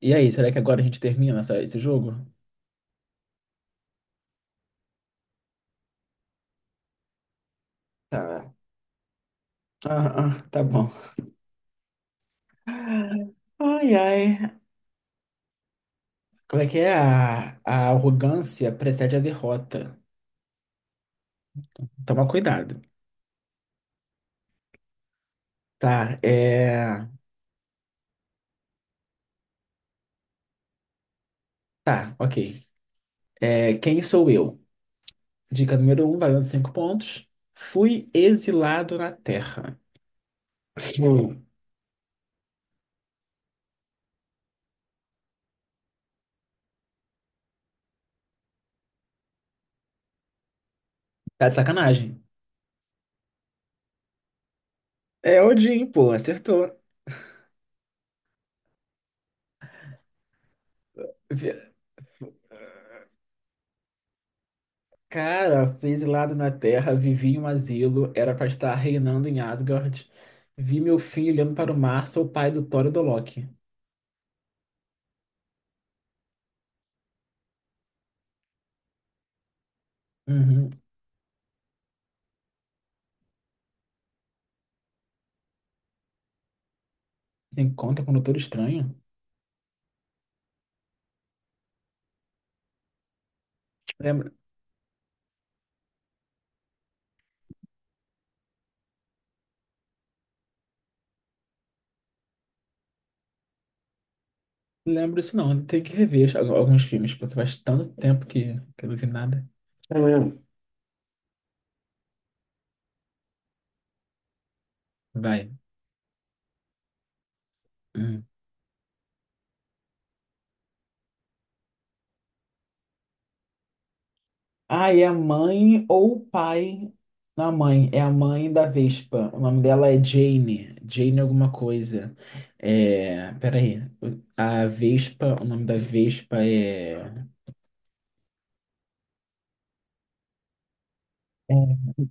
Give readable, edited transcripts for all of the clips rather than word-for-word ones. E aí, será que agora a gente termina esse jogo? Tá, ah, tá bom. Ai, ai. Como é que é? A arrogância precede a derrota. Toma cuidado. Tá, é. Tá, ok. É, quem sou eu? Dica número um, valendo cinco pontos. Fui exilado na Terra. Pô, tá de sacanagem. É Odin, pô, acertou. Cara, fui exilado na Terra, vivi em um asilo, era pra estar reinando em Asgard. Vi meu filho olhando para o mar, sou o pai do Thor e do Loki. Uhum. Se encontra com o Doutor Estranho? Lembro, lembro isso não, tem que rever alguns filmes, porque faz tanto tempo que eu não vi nada. É mesmo. Vai. Ah, é a mãe ou o pai. Não, a mãe, é a mãe da Vespa. O nome dela é Jane. Jane alguma coisa. É, peraí. A Vespa, o nome da Vespa é. é-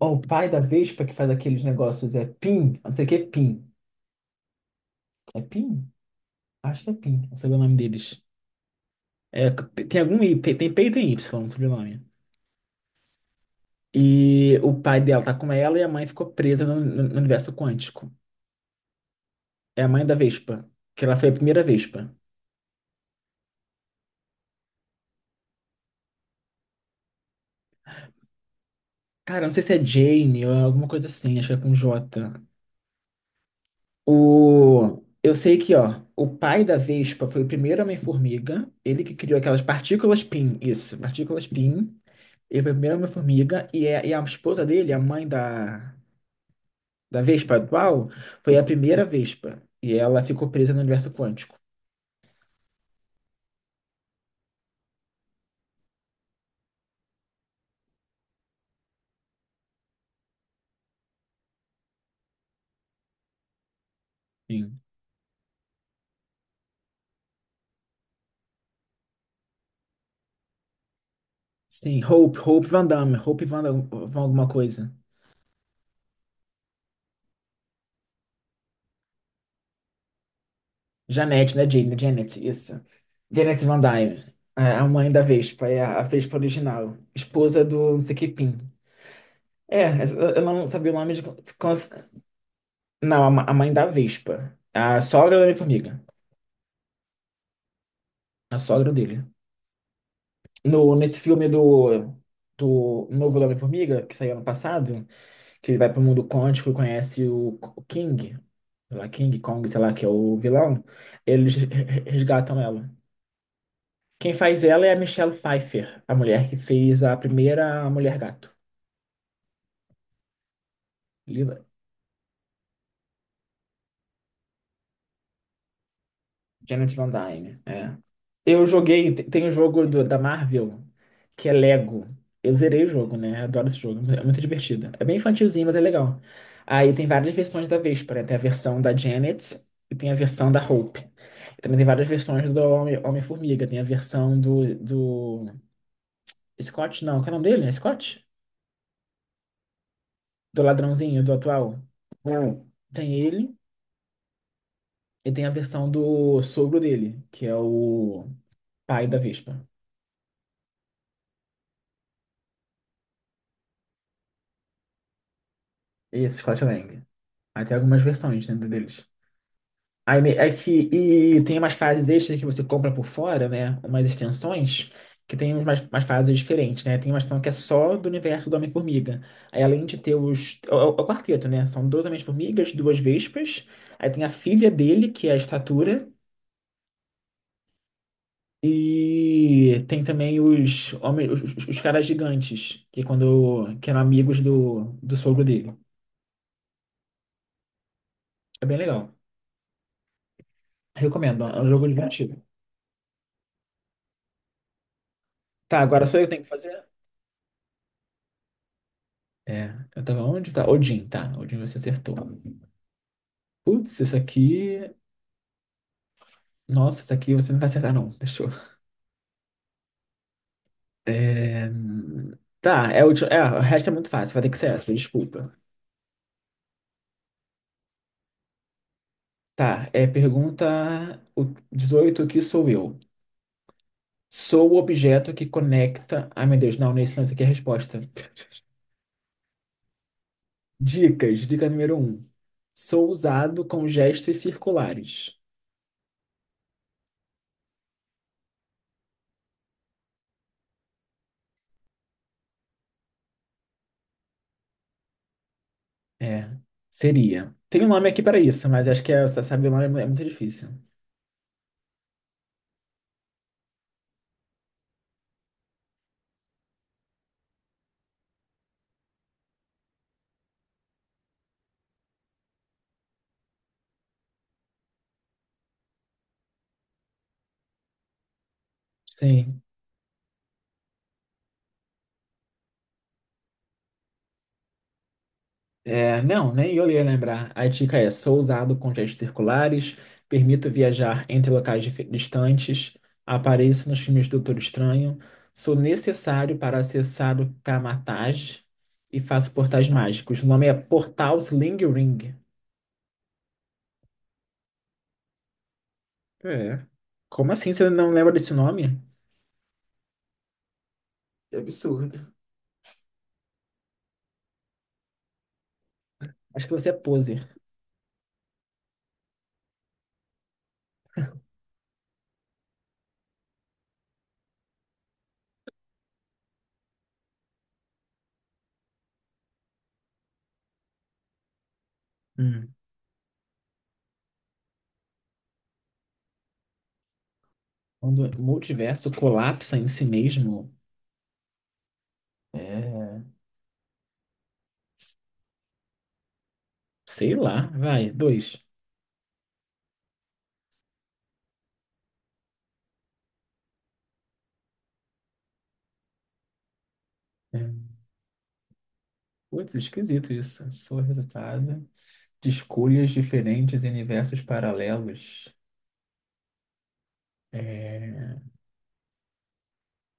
Ó, o pai da Vespa que faz aqueles negócios é Pim. Não sei o que é Pim. É Pim? Acho que é Pim. Não sei o nome deles. É, tem algum I, tem P e tem Y, não sei o nome. E o pai dela tá com ela e a mãe ficou presa no no universo quântico. É a mãe da Vespa. Que ela foi a primeira Vespa. Cara, não sei se é Jane ou é alguma coisa assim, acho que é com J. O... Eu sei que, ó, o pai da Vespa foi o primeiro Homem-Formiga, ele que criou aquelas partículas PIN, isso, partículas PIN, ele foi o primeiro Homem-Formiga, e a esposa dele, a mãe da, da Vespa atual, foi a primeira Vespa, e ela ficou presa no universo quântico. Sim. Sim, Hope, Hope Van Damme, Hope Van, Van alguma coisa. Janete, né, Jane? Né? Janet, isso. Janet Van Dyne, a mãe da Vespa, é a Vespa original, esposa do não sei que Pin. É, eu não sabia o nome de. cons- Não, a a mãe da Vespa, a sogra da Homem-Formiga, a sogra dele. No, Nesse filme do, do Novo Homem-Formiga, que saiu ano passado, que ele vai pro mundo quântico e conhece o King, sei lá, King Kong, sei lá, que é o vilão, eles resgatam ela. Quem faz ela é a Michelle Pfeiffer, a mulher que fez a primeira Mulher Gato. Lila, Janet Van Dyne. É. Eu joguei, tem o jogo da Marvel, que é Lego. Eu zerei o jogo, né? Adoro esse jogo, é muito divertido. É bem infantilzinho, mas é legal. Aí tem várias versões da Véspera. Tem a versão da Janet e tem a versão da Hope. E também tem várias versões do Homem-Formiga. Tem a versão do... Scott, não, qual é o nome dele? É Scott? Do ladrãozinho, do atual. Hum. Tem ele. E tem a versão do sogro dele, que é o pai da Vespa. Esse Scott Lang. Aí tem algumas versões dentro deles. Aí ne- é que, E tem umas fases extras que você compra por fora, né? Umas extensões, que tem umas fases diferentes, né? Tem uma extensão que é só do universo do Homem-Formiga. Aí além de ter os. É é o quarteto, né? São dois Homens-Formigas, duas Vespas. Aí tem a filha dele, que é a Estatura. E tem também os homens, os caras gigantes, que é quando que eram amigos do sogro dele. É bem legal. Recomendo, é um jogo divertido. Tá, agora só eu que tenho que fazer? É, eu tava onde? Tá. Odin você acertou. Putz, isso aqui. Nossa, isso aqui você não vai acertar, não. Deixa eu. É... Tá, é é, o resto é muito fácil, vai ter que ser essa, desculpa. Tá, é pergunta o- dezoito, o que sou eu? Sou o objeto que conecta. Ai, meu Deus, não, não é isso, não, isso aqui é a resposta. Dicas, dica número um. Sou usado com gestos circulares. É, seria. Tem um nome aqui para isso, mas acho que é, você sabe o nome é muito difícil. Sim. É, não, nem eu ia lembrar. A dica é: sou usado com gestos circulares, permito viajar entre locais distantes, apareço nos filmes do Doutor Estranho, sou necessário para acessar o Kamatage e faço portais mágicos. O nome é Portal Sling Ring. É. Como assim você não lembra desse nome? Que absurdo. Acho que você é poser. Hum. Quando o multiverso colapsa em si mesmo, é. Sei lá, vai, dois. É. Putz, esquisito isso. Sou resultado de escolhas diferentes em universos paralelos. É...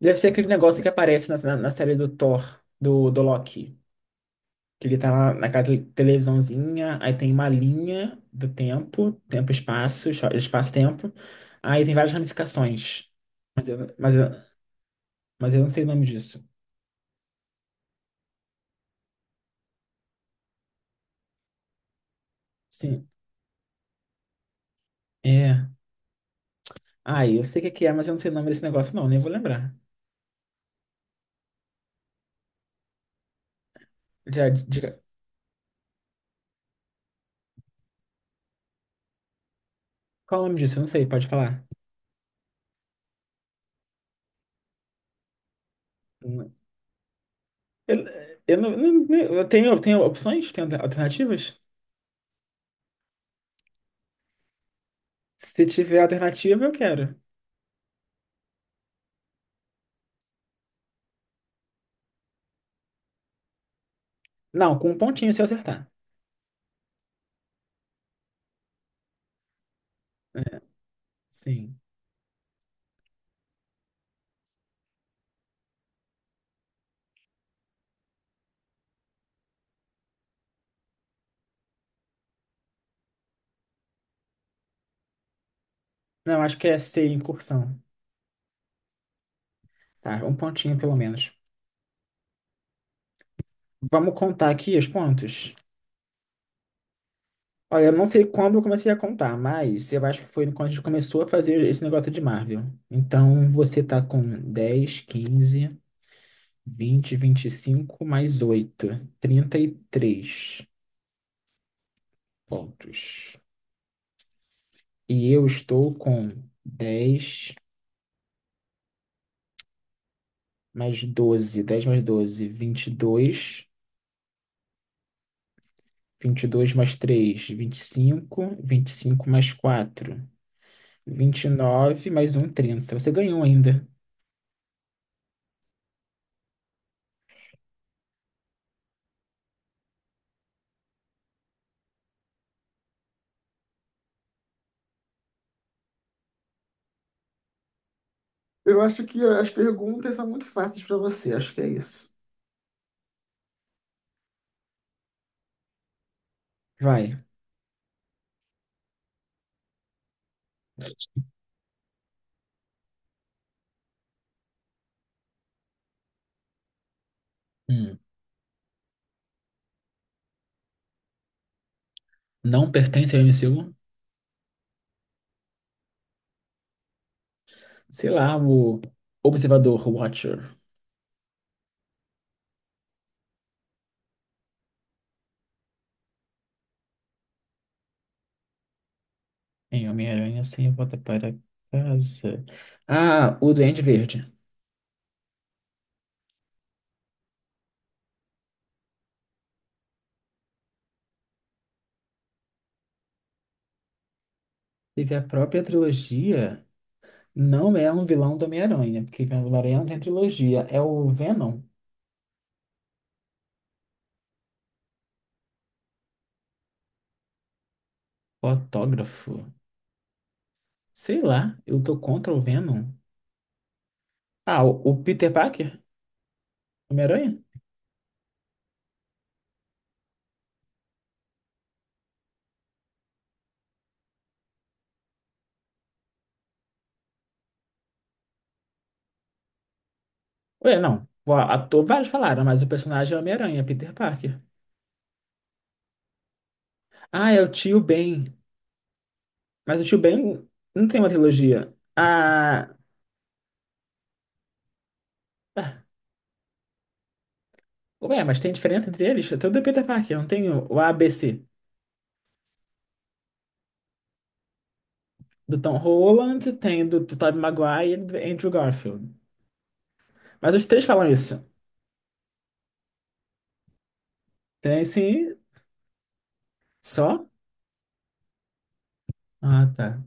Deve ser aquele negócio que aparece na série do Thor, do Loki. Que ele tá lá naquela televisãozinha, aí tem uma linha do tempo, tempo-espaço, espaço-tempo. Aí tem várias ramificações. Mas eu, mas, eu, mas eu não sei o nome disso. Sim, é. Ah, eu sei o que que é, mas eu não sei o nome desse negócio, não, nem vou lembrar. Já, diga, qual é o nome disso? Eu não sei, pode falar. Eu, eu não, não- não- tenho, tenho opções? Tenho alternativas? Se tiver alternativa, eu quero. Não, com um pontinho se eu acertar. Sim. Não, acho que é C, incursão. Tá, um pontinho pelo menos. Vamos contar aqui os pontos. Olha, eu não sei quando eu comecei a contar, mas eu acho que foi quando a gente começou a fazer esse negócio de Marvel. Então, você tá com dez, quinze, vinte, vinte e cinco, mais oito, trinta e três pontos. E eu estou com dez, mais doze, 10 mais 12, 22, dois mais 3, 25, cinco mais 4, nove mais um, trinta. Você ganhou ainda. Eu acho que as perguntas são muito fáceis para você, acho que é isso. Vai. Hum. Não pertence ao MCU? Sei lá, o Observador, o Watcher. Em Homem-Aranha sem volta para casa. Ah, o Duende Verde. Teve a própria trilogia. Não é um vilão do Homem-Aranha, né? Porque o Homem-Aranha não tem trilogia. É o Venom. O autógrafo. Sei lá, eu tô contra o Venom. Ah, o Peter Parker? Homem-Aranha? Ué, não. O ator, vários falaram, mas o personagem é o Homem-Aranha, Peter Parker. Ah, é o tio Ben. Mas o tio Ben não tem uma trilogia. Ah, ué, mas tem diferença entre eles? Tem o do Peter Parker, não tem o ABC. Do Tom Holland, tem do, do Tobey Maguire e do Andrew Garfield. Mas os três falam isso. Tem sim, só. Ah, tá.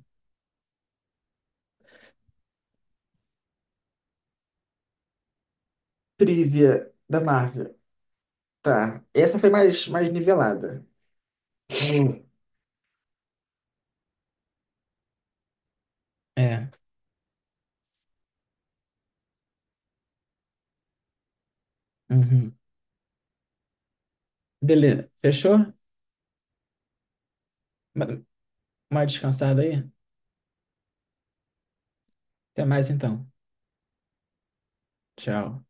Trivia da Marvel. Tá. Essa foi mais, mais nivelada. Hum. É. Uhum. Beleza. Fechou? Ma- Uma descansada aí? Até mais então. Tchau.